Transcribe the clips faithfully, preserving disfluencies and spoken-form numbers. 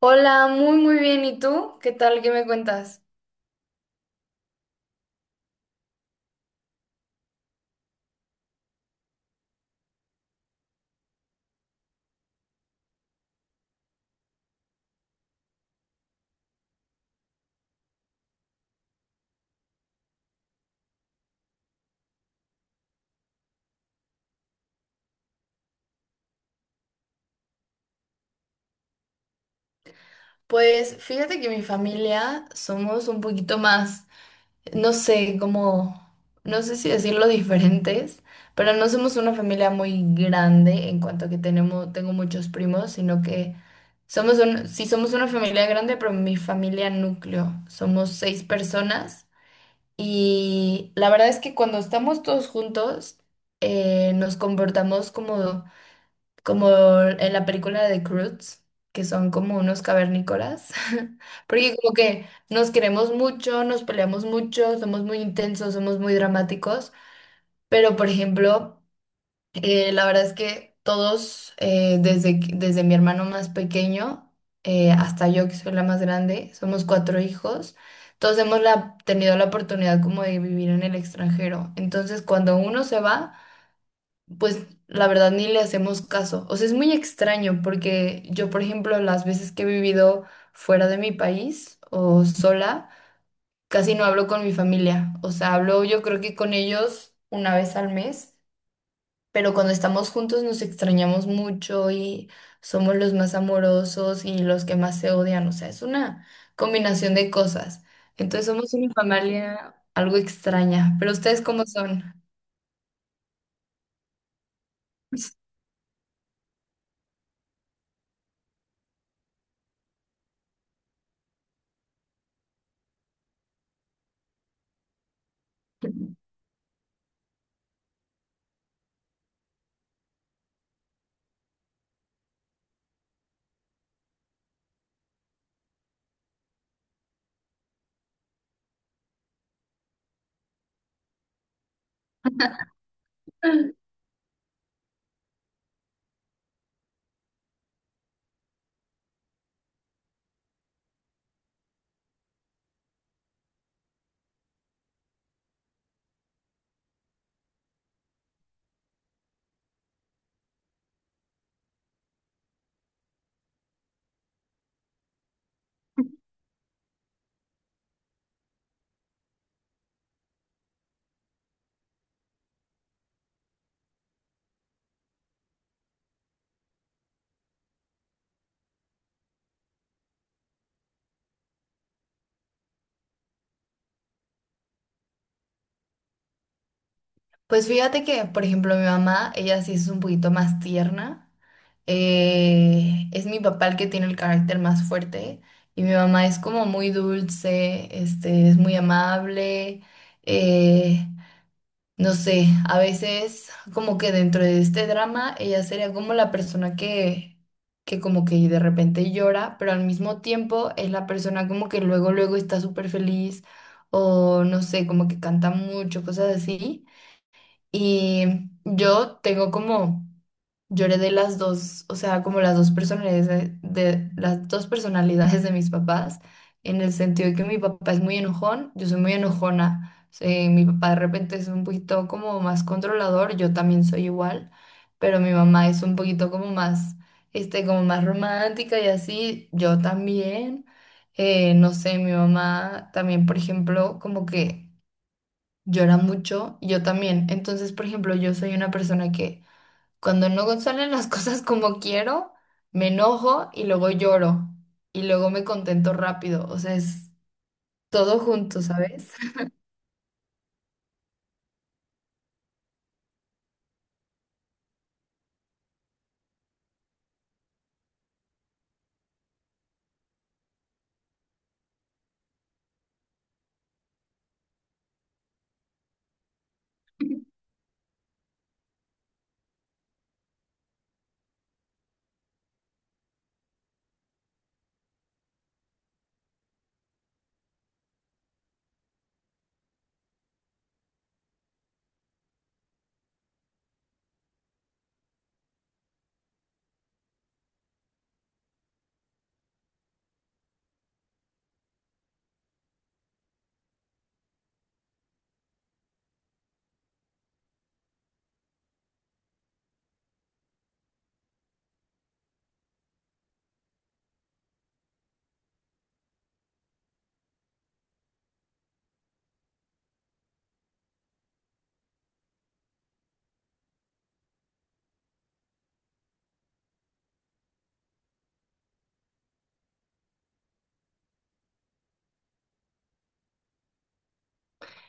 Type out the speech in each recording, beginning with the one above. Hola, muy muy bien. ¿Y tú? ¿Qué tal? ¿Qué me cuentas? Pues fíjate que mi familia somos un poquito más, no sé, como, no sé si decirlo diferentes, pero no somos una familia muy grande en cuanto a que tenemos, tengo muchos primos, sino que somos un, sí somos una familia grande, pero mi familia núcleo, somos seis personas. Y la verdad es que cuando estamos todos juntos, eh, nos comportamos como como en la película de Croods, que son como unos cavernícolas, porque como que nos queremos mucho, nos peleamos mucho, somos muy intensos, somos muy dramáticos, pero por ejemplo, eh, la verdad es que todos, eh, desde, que- desde mi hermano más pequeño eh, hasta yo que soy la más grande, somos cuatro hijos. Todos hemos la- tenido la oportunidad como de vivir en el extranjero. Entonces, cuando uno se va, pues la verdad ni le hacemos caso. O sea, es muy extraño porque yo, por ejemplo, las veces que he vivido fuera de mi país o sola, casi no hablo con mi familia. O sea, hablo yo creo que con ellos una vez al mes, pero cuando estamos juntos nos extrañamos mucho y somos los más amorosos y los que más se odian. O sea, es una combinación de cosas. Entonces somos una familia algo extraña, pero ¿ustedes cómo son? Pues fíjate que, por ejemplo, mi mamá, ella sí es un poquito más tierna. Eh, es mi papá el que tiene el carácter más fuerte y mi mamá es como muy dulce, este, es muy amable. eh, no sé, a veces como que dentro de este drama ella sería como la persona que, que como que de repente llora, pero al mismo tiempo es la persona como que luego, luego está súper feliz o no sé, como que canta mucho, cosas así. Y yo tengo como, yo heredé las dos, o sea, como las dos personalidades de, de- las dos personalidades de mis papás, en el sentido de que mi papá es muy enojón, yo soy muy enojona. Eh, mi papá de repente es un poquito como más controlador, yo también soy igual, pero mi mamá es un poquito como más, este, como más romántica y así, yo también. Eh, no sé, mi mamá también, por ejemplo, como que llora mucho y yo también. Entonces, por ejemplo, yo soy una persona que cuando no salen las cosas como quiero, me enojo y luego lloro y luego me contento rápido. O sea, es todo junto, ¿sabes?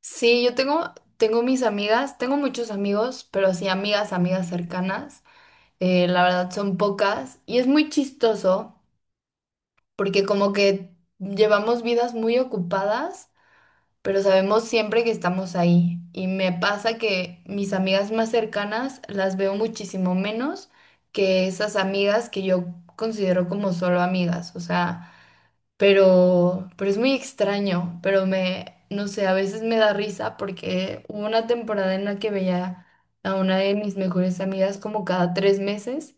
Sí, yo tengo, tengo mis amigas, tengo muchos amigos, pero sí amigas, amigas cercanas. Eh, la verdad son pocas y es muy chistoso porque como que llevamos vidas muy ocupadas. Pero sabemos siempre que estamos ahí. Y me pasa que mis amigas más cercanas las veo muchísimo menos que esas amigas que yo considero como solo amigas, o sea, pero, pero es muy extraño, pero me, no sé, a veces me da risa porque hubo una temporada en la que veía a una de mis mejores amigas como cada tres meses.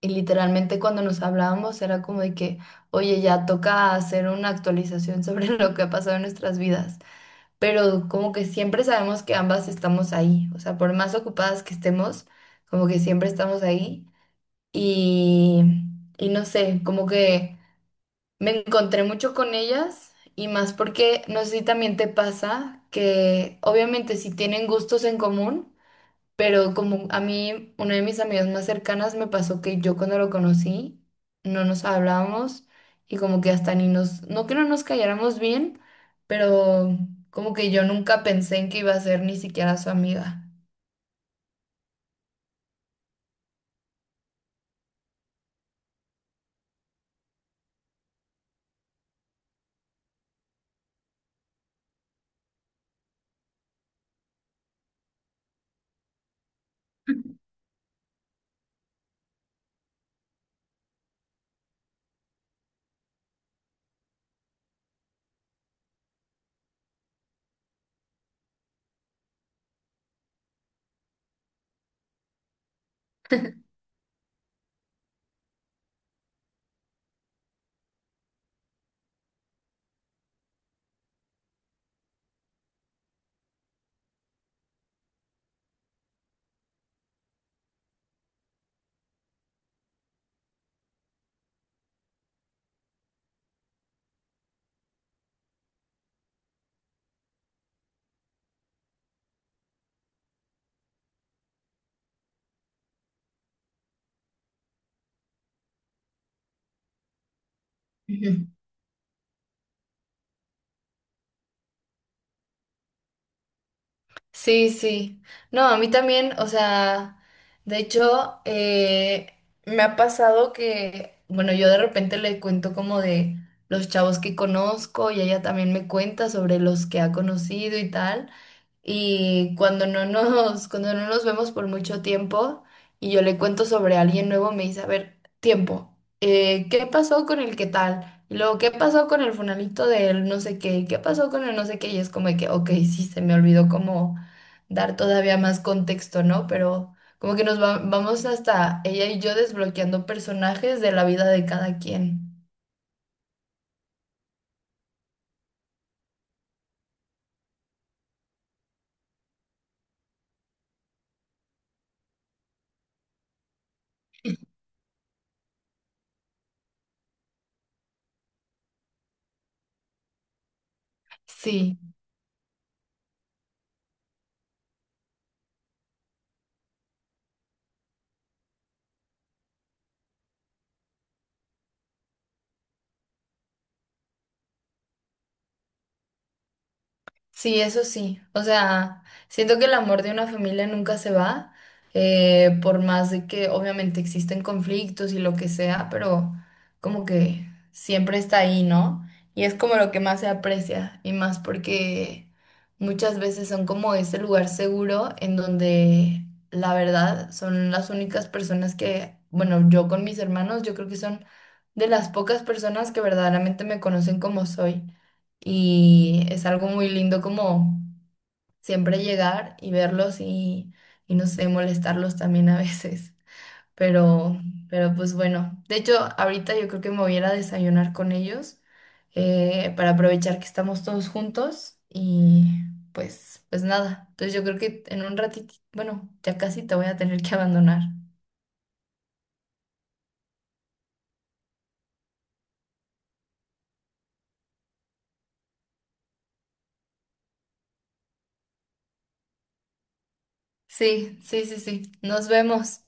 Y literalmente cuando nos hablábamos era como de que, oye, ya toca hacer una actualización sobre lo que ha pasado en nuestras vidas, pero como que siempre sabemos que ambas estamos ahí, o sea, por más ocupadas que estemos, como que siempre estamos ahí y, y no sé, como que me encontré mucho con ellas y más porque no sé si también te pasa que obviamente si tienen gustos en común, pero como a mí, una de mis amigas más cercanas me pasó que yo cuando lo conocí no nos hablábamos y como que hasta ni nos, no que no nos calláramos bien, pero como que yo nunca pensé en que iba a ser ni siquiera su amiga. Ujú. Sí, sí. No, a mí también, o sea, de hecho, eh, me ha pasado que, bueno, yo de repente le cuento como de los chavos que conozco y ella también me cuenta sobre los que ha conocido y tal. Y cuando no nos, cuando no nos vemos por mucho tiempo y yo le cuento sobre alguien nuevo, me dice, a ver, tiempo, eh, ¿qué pasó con el qué tal? Y luego, ¿qué pasó con el funalito del no sé qué? ¿Qué pasó con el no sé qué? Y es como de que, ok, sí, se me olvidó como dar todavía más contexto, ¿no? Pero como que nos va- vamos hasta ella y yo desbloqueando personajes de la vida de cada quien. Sí. Sí, eso sí. O sea, siento que el amor de una familia nunca se va, eh, por más de que obviamente existen conflictos y lo que sea, pero como que siempre está ahí, ¿no? Y es como lo que más se aprecia, y más porque muchas veces son como ese lugar seguro en donde la verdad son las únicas personas que, bueno, yo con mis hermanos, yo creo que son de las pocas personas que verdaderamente me conocen como soy. Y es algo muy lindo como siempre llegar y verlos y, y no sé, molestarlos también a veces. Pero, pero pues bueno, de hecho ahorita yo creo que me voy a ir a desayunar con ellos eh, para aprovechar que estamos todos juntos y pues, pues nada. Entonces yo creo que en un ratito, bueno, ya casi te voy a tener que abandonar. Sí, sí, sí, sí. Nos vemos.